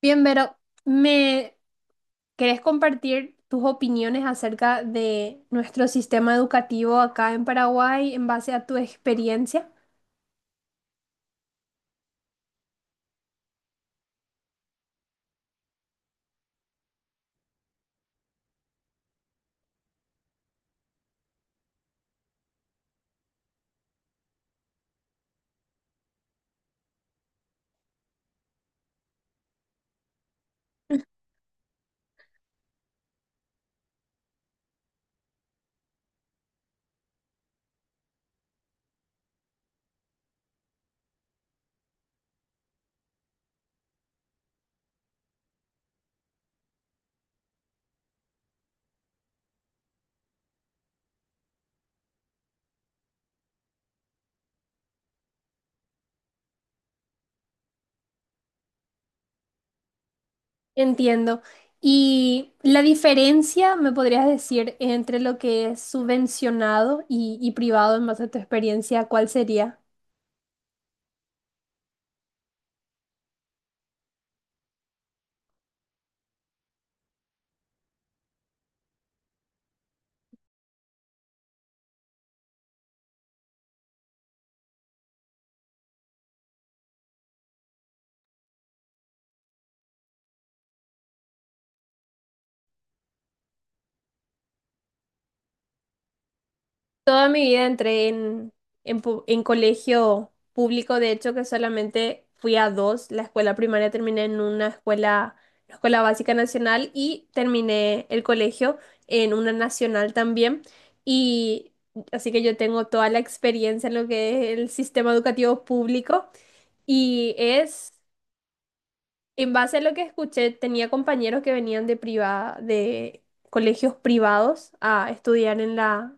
Bien, Vero, ¿me querés compartir tus opiniones acerca de nuestro sistema educativo acá en Paraguay en base a tu experiencia? Entiendo. Y la diferencia, me podrías decir, entre lo que es subvencionado y privado en base a tu experiencia, ¿cuál sería? Toda mi vida entré en en colegio público, de hecho que solamente fui a dos. La escuela primaria terminé en una escuela, la Escuela Básica Nacional, y terminé el colegio en una nacional también. Y así que yo tengo toda la experiencia en lo que es el sistema educativo público. Y es, en base a lo que escuché, tenía compañeros que venían de privada, de colegios privados a estudiar en la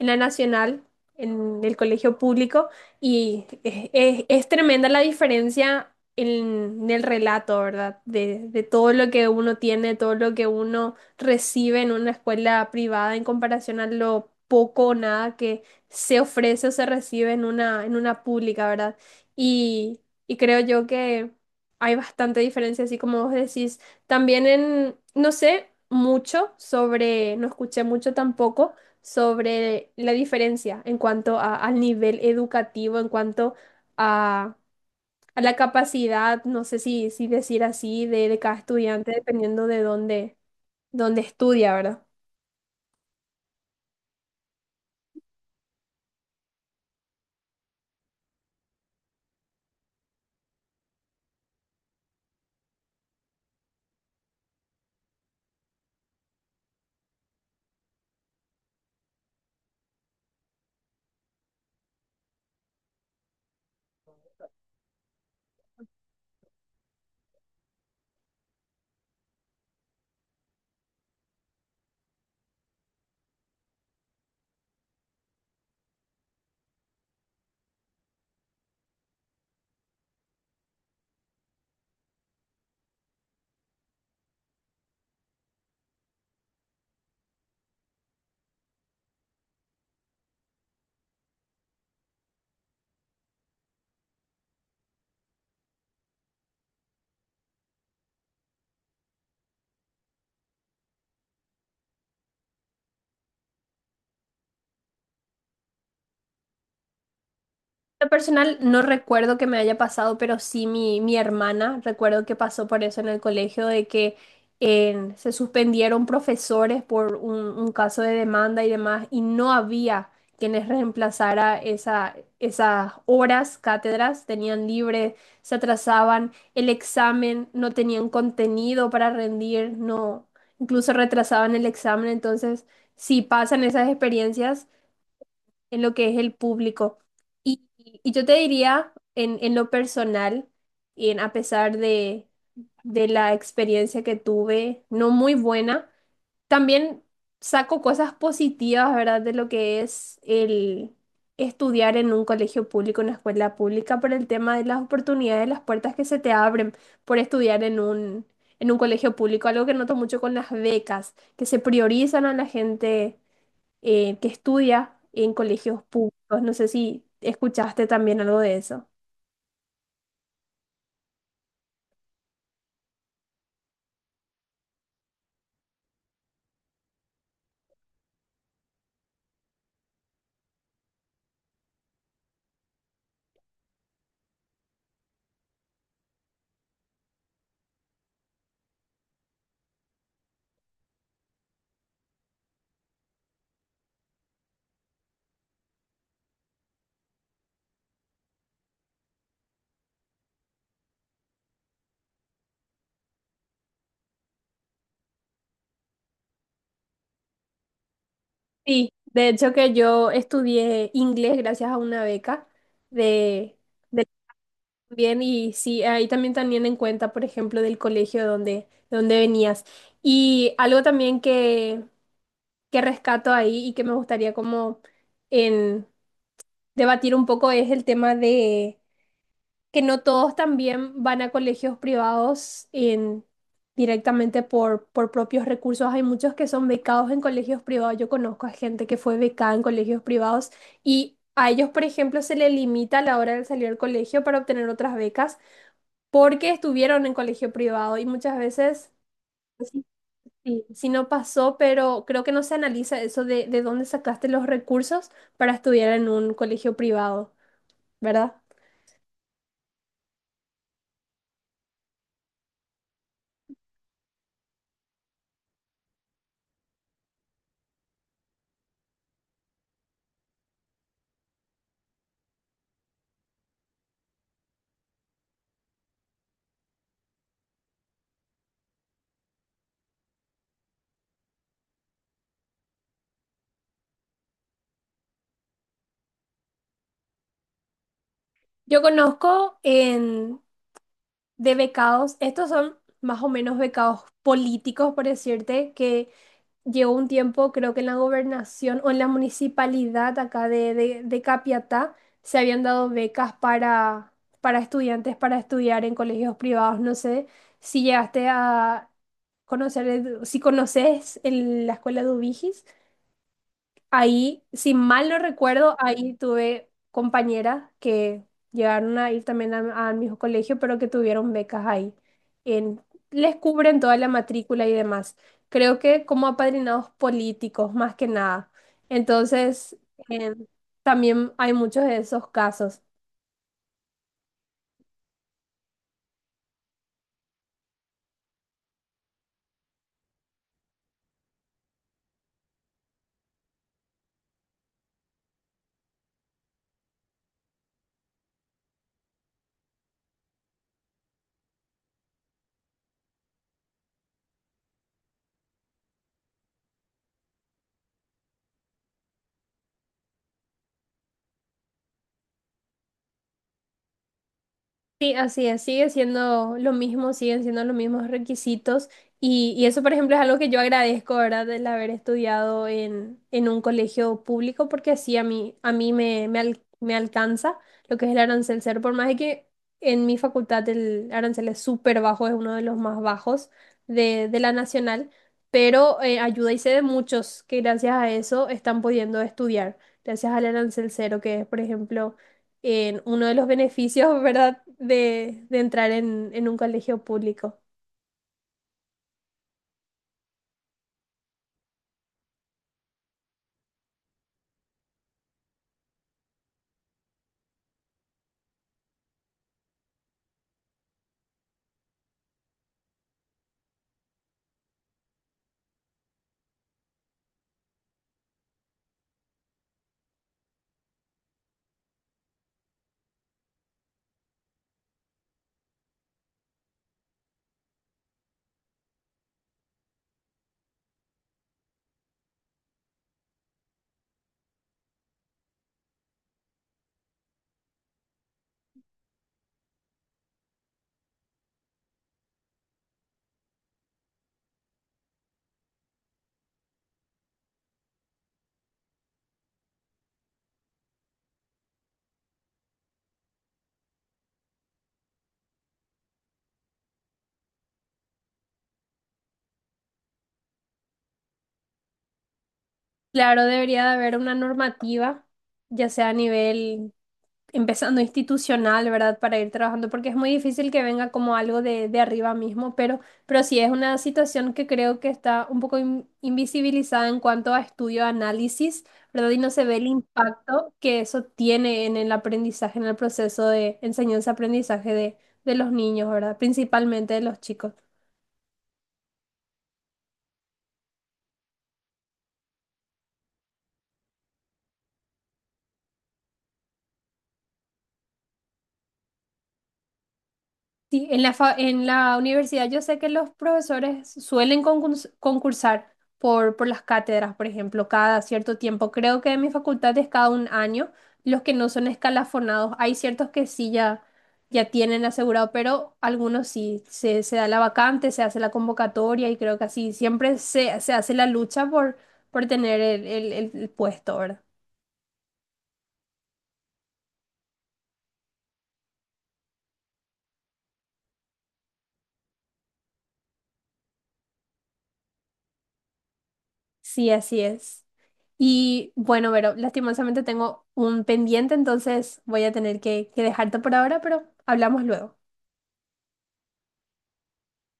en la nacional, en el colegio público, y es tremenda la diferencia en el relato, ¿verdad? De todo lo que uno tiene, todo lo que uno recibe en una escuela privada en comparación a lo poco o nada que se ofrece o se recibe en una, pública, ¿verdad? Y, y creo yo que hay bastante diferencia, así como vos decís. También, no sé mucho sobre, no escuché mucho tampoco sobre la diferencia en cuanto al nivel educativo, en cuanto a, a la capacidad, no sé si decir así, de cada estudiante, dependiendo de dónde estudia, ¿verdad? Lo personal no recuerdo que me haya pasado, pero sí mi hermana recuerdo que pasó por eso en el colegio, de que se suspendieron profesores por un caso de demanda y demás, y no había quienes reemplazara esa, esas horas, cátedras, tenían libre, se atrasaban, el examen, no tenían contenido para rendir, no, incluso retrasaban el examen. Entonces si pasan esas experiencias en lo que es el público. Y yo te diría, en lo personal, y a pesar de la experiencia que tuve, no muy buena, también saco cosas positivas, ¿verdad? De lo que es el estudiar en un colegio público, en una escuela pública, por el tema de las oportunidades, las puertas que se te abren por estudiar en un colegio público, algo que noto mucho con las becas, que se priorizan a la gente que estudia en colegios públicos. No sé si escuchaste también algo de eso. Sí, de hecho que yo estudié inglés gracias a una beca de, de también. Y sí, ahí también en cuenta, por ejemplo, del colegio donde venías. Y algo también que rescato ahí y que me gustaría como en debatir un poco es el tema de que no todos también van a colegios privados directamente por propios recursos. Hay muchos que son becados en colegios privados. Yo conozco a gente que fue becada en colegios privados y a ellos, por ejemplo, se les limita a la hora de salir del colegio para obtener otras becas porque estuvieron en colegio privado y muchas veces. Pues sí, sí, sí, no pasó, pero creo que no se analiza eso de, dónde sacaste los recursos para estudiar en un colegio privado, ¿verdad? Yo conozco en de becados. Estos son más o menos becados políticos, por decirte, que llegó un tiempo, creo que en la gobernación o en la municipalidad acá de Capiatá, se habían dado becas para estudiantes para estudiar en colegios privados. No sé si llegaste a conocer, si conoces la escuela de Ubigis. Ahí, si mal no recuerdo, ahí tuve compañeras que llegaron a ir también al mismo colegio, pero que tuvieron becas ahí. En, Les cubren toda la matrícula y demás. Creo que como apadrinados políticos, más que nada. Entonces, em, también hay muchos de esos casos. Sí, así es, sigue siendo lo mismo, siguen siendo los mismos requisitos y eso, por ejemplo, es algo que yo agradezco, ¿verdad?, del haber estudiado en, un colegio público porque así a mí me alcanza lo que es el arancel cero, por más de que en mi facultad el arancel es súper bajo, es uno de los más bajos de, la nacional, pero ayuda y sé de muchos que gracias a eso están pudiendo estudiar, gracias al arancel cero, que es, por ejemplo, en uno de los beneficios, ¿verdad?, de entrar en, un colegio público. Claro, debería de haber una normativa, ya sea a nivel, empezando institucional, ¿verdad?, para ir trabajando, porque es muy difícil que venga como algo de, arriba mismo, pero sí es una situación que creo que está un poco invisibilizada en cuanto a estudio, análisis, ¿verdad? Y no se ve el impacto que eso tiene en el aprendizaje, en el proceso de enseñanza-aprendizaje de los niños, ¿verdad? Principalmente de los chicos. Sí, en la universidad yo sé que los profesores suelen concursar por, las cátedras, por ejemplo, cada cierto tiempo. Creo que en mi facultad es cada un año. Los que no son escalafonados, hay ciertos que sí ya tienen asegurado, pero algunos sí, se da la vacante, se hace la convocatoria y creo que así siempre se hace la lucha por, tener el puesto, ¿verdad? Sí, así es. Y bueno, Vero, lastimosamente tengo un pendiente, entonces voy a tener que dejarte por ahora, pero hablamos luego.